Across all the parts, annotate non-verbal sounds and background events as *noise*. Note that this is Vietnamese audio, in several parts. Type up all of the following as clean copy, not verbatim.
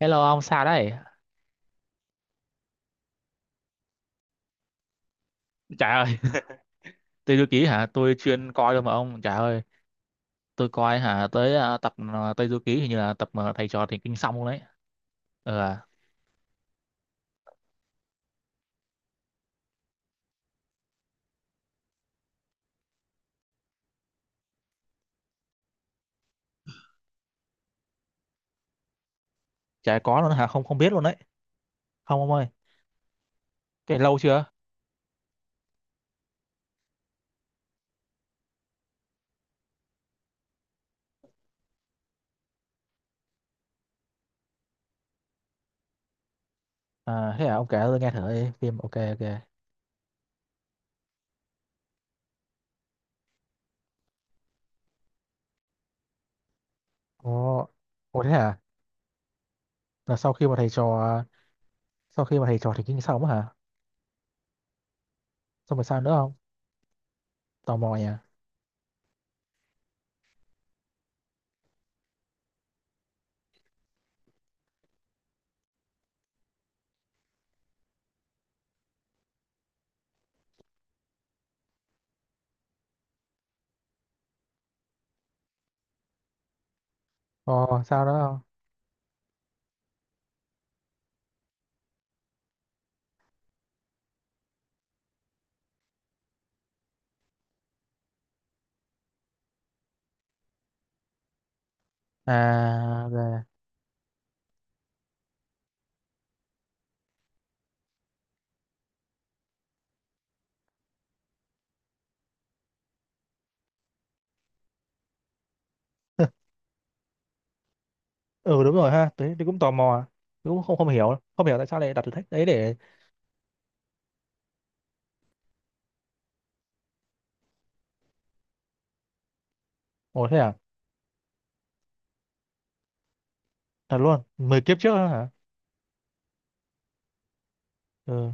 Hello ông sao đấy? Trời ơi, Tây Du Ký hả? Tôi chuyên coi thôi mà ông. Trời ơi, tôi coi hả tới tập Tây Du Ký hình như là tập mà thầy trò thì kinh xong luôn đấy. Ờ, à, Chả có luôn hả? Không không biết luôn đấy. Không ông ơi, cái lâu chưa? À, thế hả? Ông kể tôi nghe thử đi. Phim ok ok. Ồ, ồ thế hả? Là sau khi mà thầy trò Sau khi mà thầy trò thì kinh xong á hả? Xong rồi sao nữa không? Tò mò nhỉ? Ồ, sao nữa không? À, rồi. Ừ đúng rồi ha, tôi cũng tò mò. Tôi cũng không không hiểu, không hiểu tại sao lại đặt thử thách đấy để. Ồ thế à? Thật luôn mười kiếp trước đó hả? Ừ.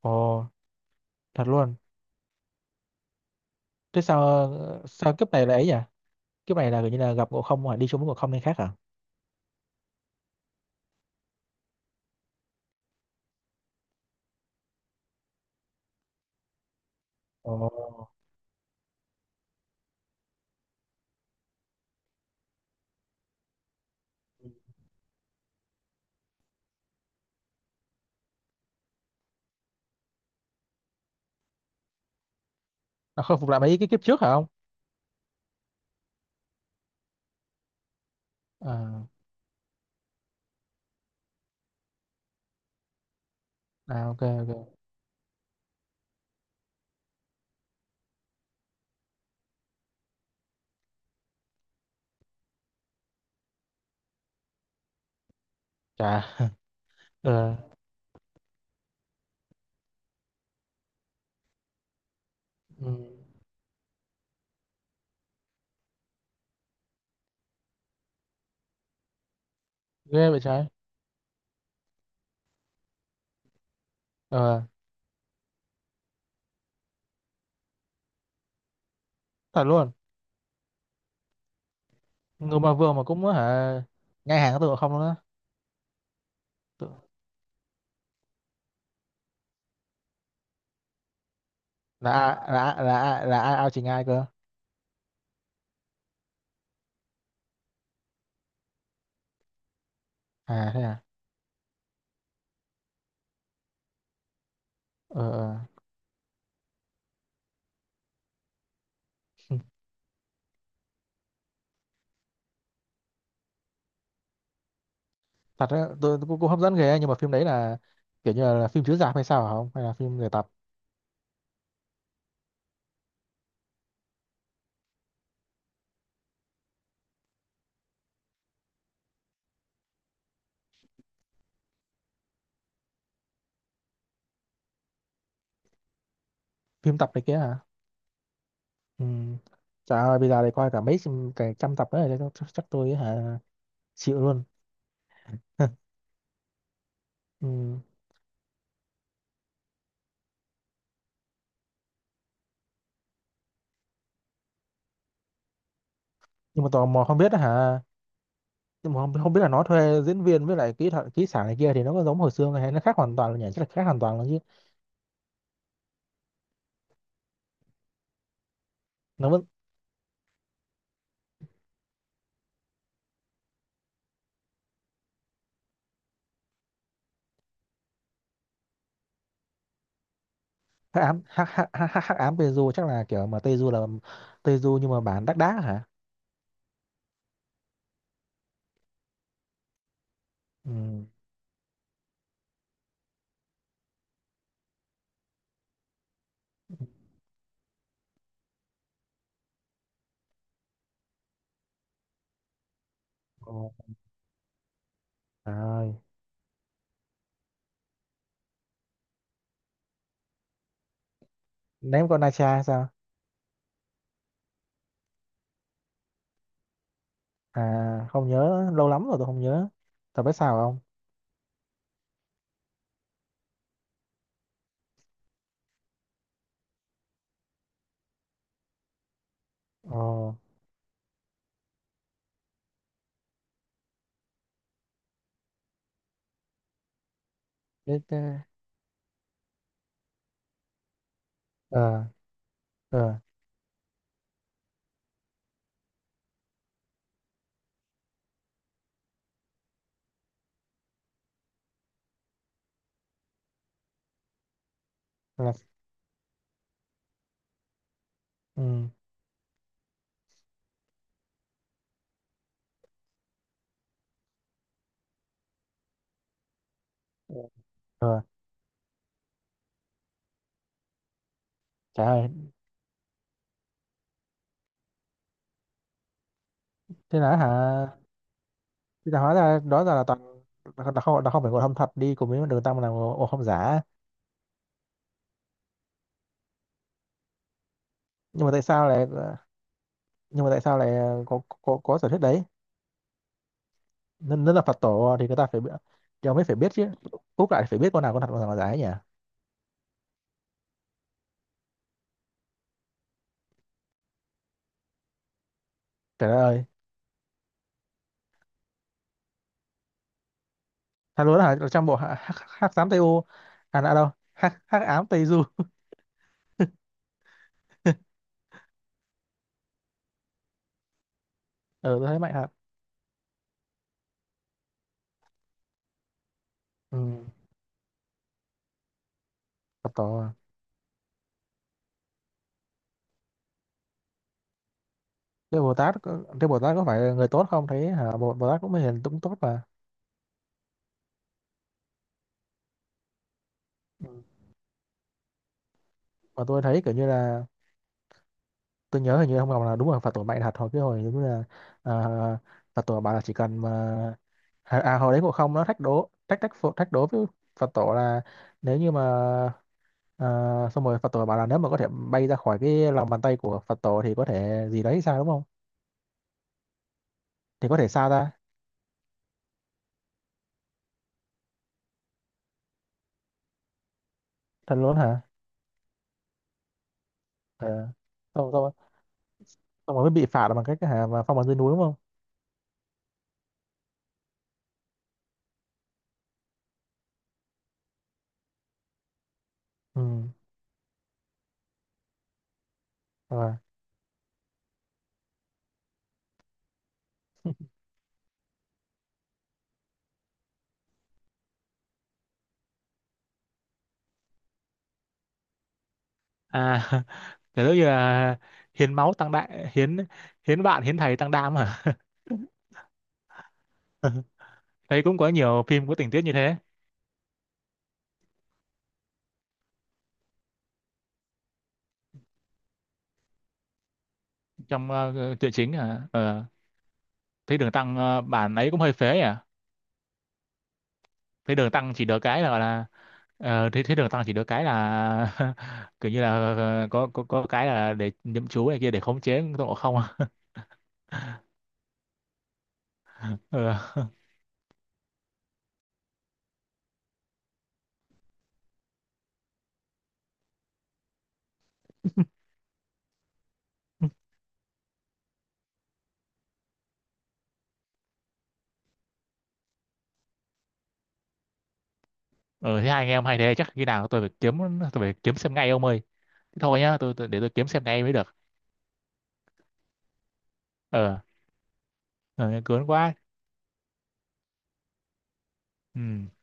Ồ, thật luôn. Thế sao sao kiếp này là ấy nhỉ? Kiếp này là kiểu như là gặp ngộ không hả, đi xuống với ngộ không nên khác hả? Ồ, nó khôi phục lại mấy cái kiếp trước hả không? à, ok ok. Chà. *laughs* Ờ. Ừ. Ghê vậy trái. Ờ, thật luôn. Người mà vừa mà cũng hả? Ngay hàng với tụi ngộ không luôn á? Tự- là ai ao chỉ ai cơ? À thế à. Ờ ờ. *laughs* Thật á, tôi cũng cũng hấp dẫn ghê ấy, nhưng mà phim đấy là kiểu như là phim chiếu rạp hay sao hả, không hay là phim người tập, phim tập này kia hả? Ừ. Trời ơi bây giờ thì coi cả mấy cả trăm tập đấy chắc, tôi hả chịu luôn. *laughs* Ừ. Nhưng mà tò mò không biết hả? Nhưng mà không biết là nó thuê diễn viên với lại kỹ thuật kỹ xảo này kia thì nó có giống hồi xưa không, hay nó khác hoàn toàn là nhỉ, chắc là khác hoàn toàn luôn chứ. Nó vẫn hắc ám, hắc hắc hắc hắc hắc ám Teju, chắc là kiểu mà Teju là Teju nhưng mà bản đắc đá hả? Ừ. Ồ, trời ơi. Ném con Nacha hay sao? À không nhớ, lâu lắm rồi tôi không nhớ tập, biết sao không. Ồ thế, thế, ờ. Rồi, là. Ừ. Ừ. Rồi, trời ơi, thế là hả? Thế là hóa ra đó là toàn là không, là không phải ngộ không thật đi cùng với đường tăng, là ngộ ngộ không giả. Nhưng mà tại sao lại nhưng mà tại sao lại có có sở thuyết đấy? Nên là Phật tổ thì người ta phải bi- thì ông mới phải biết chứ. Úc lại phải biết con nào con thật con nào con giả ấy nhỉ? Trời đất ơi, thật luôn đó hả? Là trong bộ hắc hắc hắc ám Tây U, à đã đâu? Hắc hắc ám Tây Du. *laughs* Ừ, tôi thấy mạnh thật. Ừ, Phật tổ. Thế Bồ Tát có phải là người tốt không, thấy hả Bồ Tát cũng hiền cũng tốt mà. Ừ. Mà tôi thấy kiểu như là, tôi nhớ hình như ông Ngọc là đúng là Phật tổ mạnh thật hồi cái hồi giống như là uh, Phật tổ bảo là chỉ cần mà hồi đấy Ngộ Không nó thách đố thách thách phụ- thách đố với Phật tổ là nếu như mà ờ, xong rồi Phật tổ bảo là nếu mà có thể bay ra khỏi cái lòng bàn tay của Phật tổ thì có thể gì đấy sao đúng không, thì có thể sao ra. Thật luôn hả? Ờ. xong xong xong rồi mới bị phạt bằng cách hả mà phong ấn dưới núi đúng không? Ừ. Rồi. À. *laughs* Kiểu giống như là hiến máu tăng đại hiến, hiến bạn hiến thầy tăng đam hả. *laughs* Thấy cũng có nhiều phim có tình tiết như thế. Trong truyện chính hả? Ờ, thấy đường tăng bản ấy cũng hơi phế nhỉ. Thấy đường tăng chỉ được cái là gọi là, thấy thấy đường tăng chỉ được cái là *laughs* kiểu như là, có có cái là để nhậm chú này kia để khống chế Tôn Ngộ Không. *laughs* Ờ. Ờ thế hai anh em hay, thế chắc khi nào tôi phải kiếm, tôi phải kiếm xem ngay ông ơi. Thế thôi nhá, tôi để tôi kiếm xem ngay mới được. Ờ. Ờ, cuốn quá. Ừ.